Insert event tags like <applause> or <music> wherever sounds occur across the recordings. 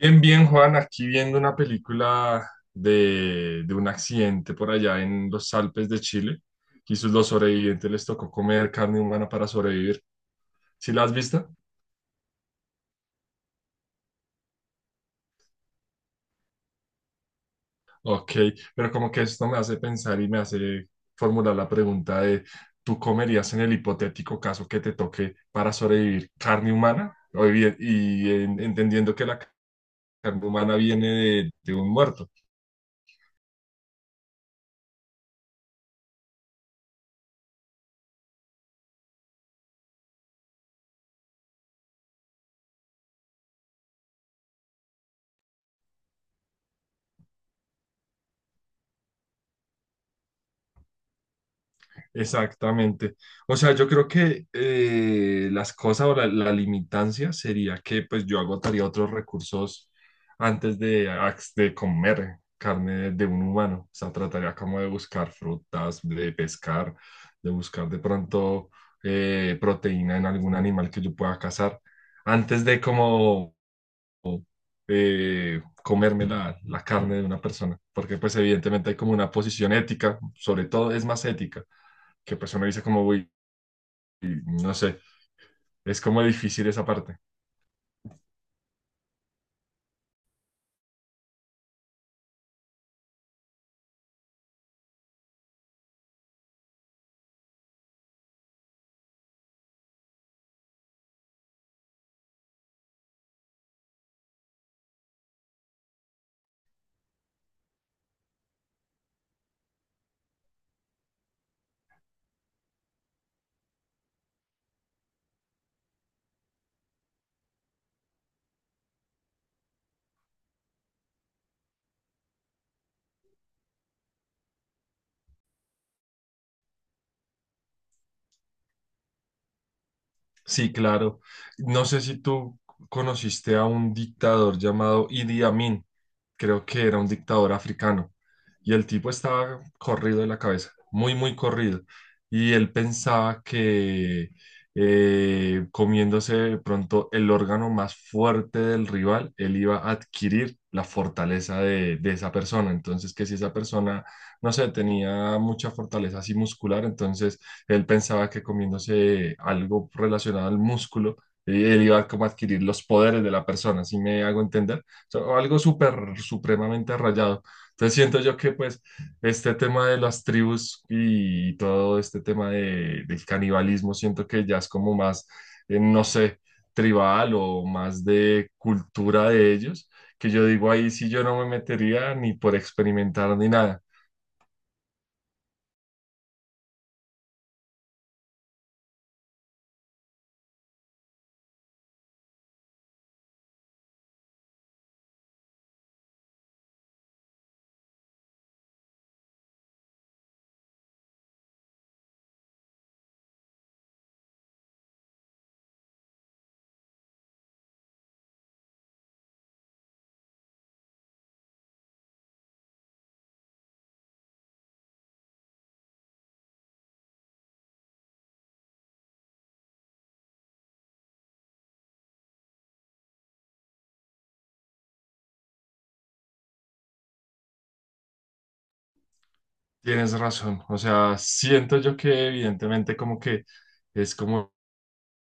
Bien, bien, Juan, aquí viendo una película de un accidente por allá en los Alpes de Chile. Y los sobrevivientes les tocó comer carne humana para sobrevivir. ¿Sí la has visto? Ok, pero como que esto me hace pensar y me hace formular la pregunta de, ¿tú comerías en el hipotético caso que te toque para sobrevivir carne humana? Y, entendiendo que la carne humana viene de un muerto. Exactamente. O sea, yo creo que las cosas o la limitancia sería que pues yo agotaría otros recursos antes de comer carne de un humano. O sea, trataría como de buscar frutas, de pescar, de buscar de pronto proteína en algún animal que yo pueda cazar antes de como comerme la carne de una persona, porque pues evidentemente hay como una posición ética, sobre todo es más ética, que pues uno dice como, uy, no sé, es como difícil esa parte. Sí, claro. No sé si tú conociste a un dictador llamado Idi Amin, creo que era un dictador africano, y el tipo estaba corrido de la cabeza, muy, muy corrido, y él pensaba que comiéndose de pronto el órgano más fuerte del rival, él iba a adquirir la fortaleza de esa persona. Entonces, que si esa persona, no sé, tenía mucha fortaleza así muscular, entonces él pensaba que comiéndose algo relacionado al músculo, él iba como a adquirir los poderes de la persona, ¿si me hago entender? O sea, algo súper, supremamente rayado. Entonces siento yo que pues este tema de las tribus y todo este tema del canibalismo, siento que ya es como más, no sé, tribal o más de cultura de ellos, que yo digo ahí sí yo no me metería ni por experimentar ni nada. Tienes razón, o sea, siento yo que evidentemente como que es como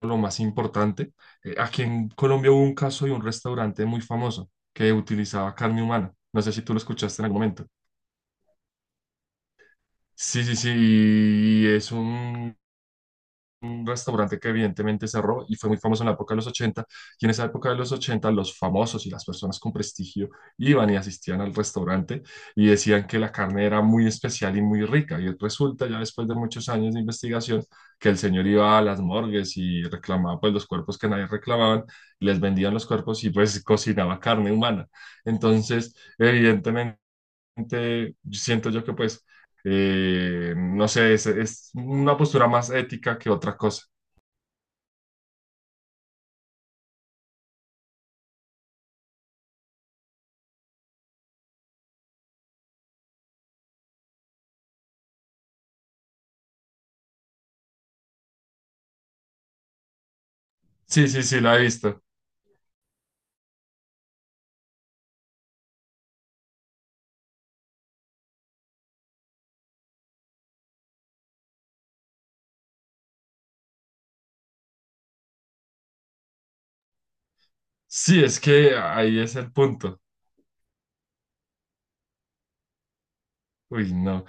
lo más importante. Aquí en Colombia hubo un caso de un restaurante muy famoso que utilizaba carne humana. No sé si tú lo escuchaste en algún momento. Sí, sí, sí, y es un restaurante que evidentemente cerró y fue muy famoso en la época de los ochenta. Y en esa época de los 80 los famosos y las personas con prestigio iban y asistían al restaurante y decían que la carne era muy especial y muy rica. Y resulta ya después de muchos años de investigación que el señor iba a las morgues y reclamaba pues los cuerpos que nadie reclamaban, les vendían los cuerpos y pues cocinaba carne humana. Entonces, evidentemente, siento yo que pues... no sé, es una postura más ética que otra cosa. Sí, sí, sí, la he visto. Sí, es que ahí es el punto. Uy, no.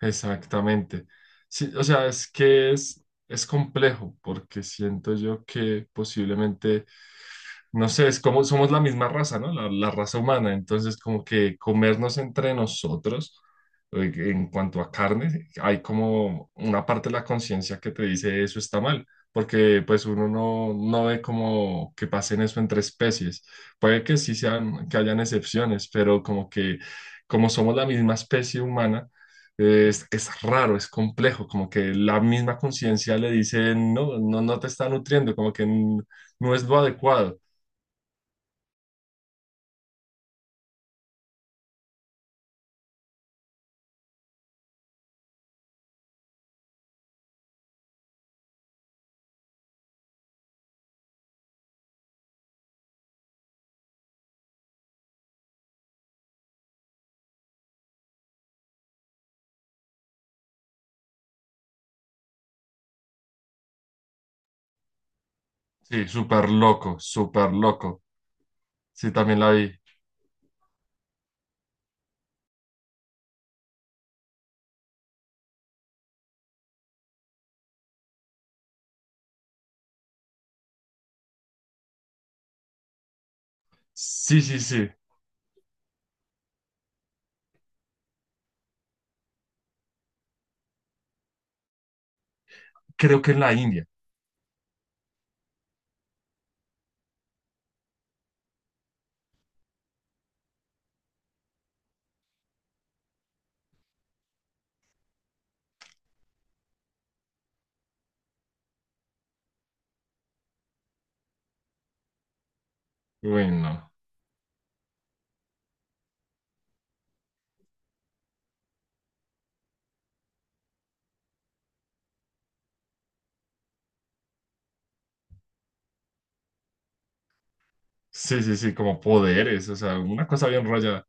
Exactamente. Sí, o sea, es que es complejo porque siento yo que posiblemente, no sé, es como somos la misma raza, ¿no? La raza humana. Entonces, como que comernos entre nosotros en cuanto a carne, hay como una parte de la conciencia que te dice eso está mal. Porque pues uno no, no ve como que pasen eso entre especies. Puede que sí sean, que hayan excepciones, pero como que como somos la misma especie humana, es raro, es complejo, como que la misma conciencia le dice, no, no, no te está nutriendo, como que no es lo adecuado. Sí, súper loco, súper loco. Sí, también la vi. Sí, sí, sí, creo que en la India. Bueno, sí, sí, sí, como poderes, o sea, una cosa bien rayada.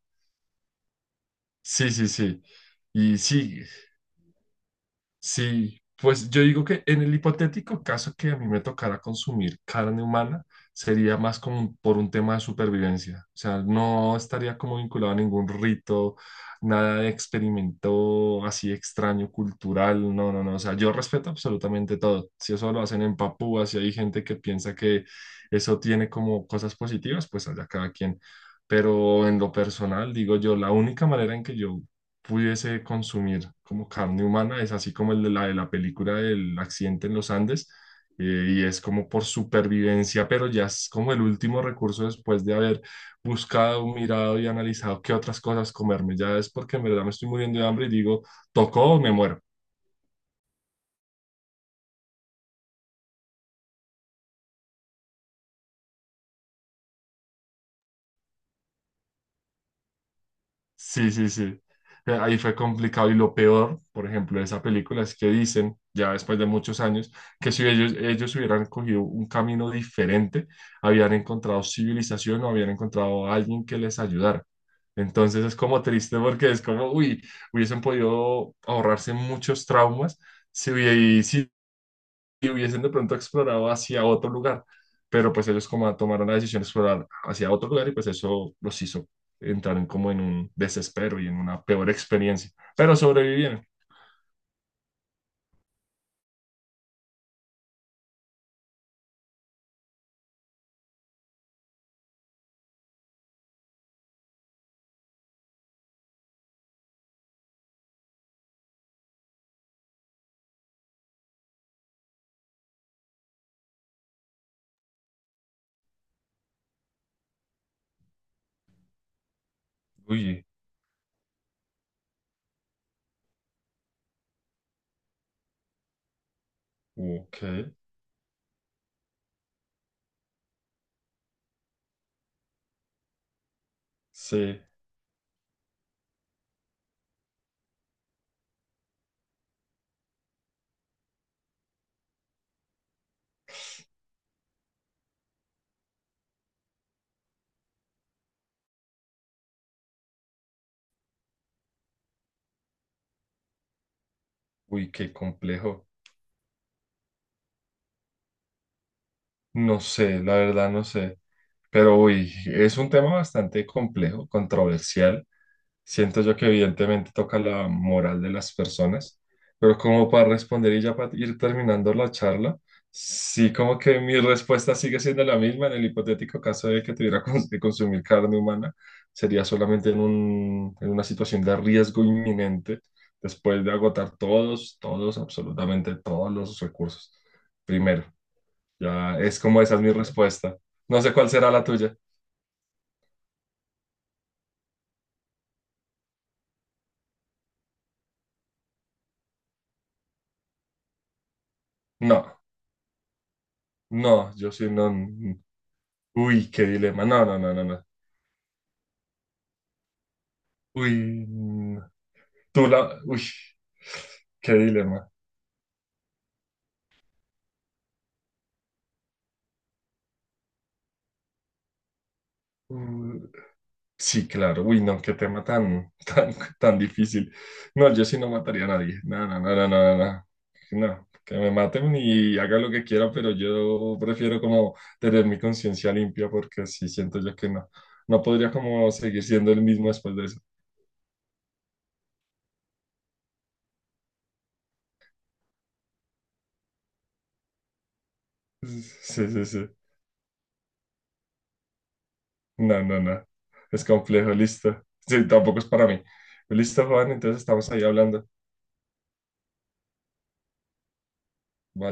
Sí, sí, sí. Y sí. Sí, pues yo digo que en el hipotético caso que a mí me tocara consumir carne humana, sería más como por un tema de supervivencia. O sea, no estaría como vinculado a ningún rito, nada de experimento así extraño, cultural. No, no, no. O sea, yo respeto absolutamente todo. Si eso lo hacen en Papúa, si hay gente que piensa que eso tiene como cosas positivas, pues allá cada quien. Pero en lo personal, digo yo, la única manera en que yo pudiese consumir como carne humana, es así como el de de la película del accidente en los Andes, y es como por supervivencia, pero ya es como el último recurso después de haber buscado, mirado y analizado qué otras cosas comerme, ya es porque en verdad me estoy muriendo de hambre y digo, tocó o me muero. Sí, sí, sí. Ahí fue complicado y lo peor, por ejemplo, de esa película es que dicen, ya después de muchos años, que si ellos, ellos hubieran cogido un camino diferente, habían encontrado civilización o habían encontrado a alguien que les ayudara. Entonces es como triste porque es como, uy, hubiesen podido ahorrarse muchos traumas si, y hubiesen de pronto explorado hacia otro lugar, pero pues ellos como tomaron la decisión de explorar hacia otro lugar y pues eso los hizo entrar en como en un desespero y en una peor experiencia, pero sobrevivieron. Uy, ok, sí, uy, qué complejo. No sé, la verdad no sé, pero uy, es un tema bastante complejo, controversial. Siento yo que evidentemente toca la moral de las personas, pero como para responder y ya para ir terminando la charla, sí como que mi respuesta sigue siendo la misma en el hipotético caso de que tuviera que consumir carne humana, sería solamente en un, en una situación de riesgo inminente, después de agotar todos, todos, absolutamente todos los recursos. Primero, ya es como esa es mi respuesta. No sé cuál será la tuya. No, no, yo sí no. Uy, qué dilema. No, no, no, no, no. Uy, mm, tú la. Uy, qué dilema. Uh, sí, claro. Uy, no, qué tema tan, <laughs> tan, tan difícil. No, yo sí no mataría a nadie. No, no, no, no, no, no. No, no, que me maten y haga lo que quiera, pero yo prefiero como tener mi conciencia limpia porque sí siento yo que no. No podría como seguir siendo el mismo después de eso. Sí, sí, sí. No, no, no. Es complejo, listo. Sí, tampoco es para mí. Listo, Juan, entonces estamos ahí hablando. Bye.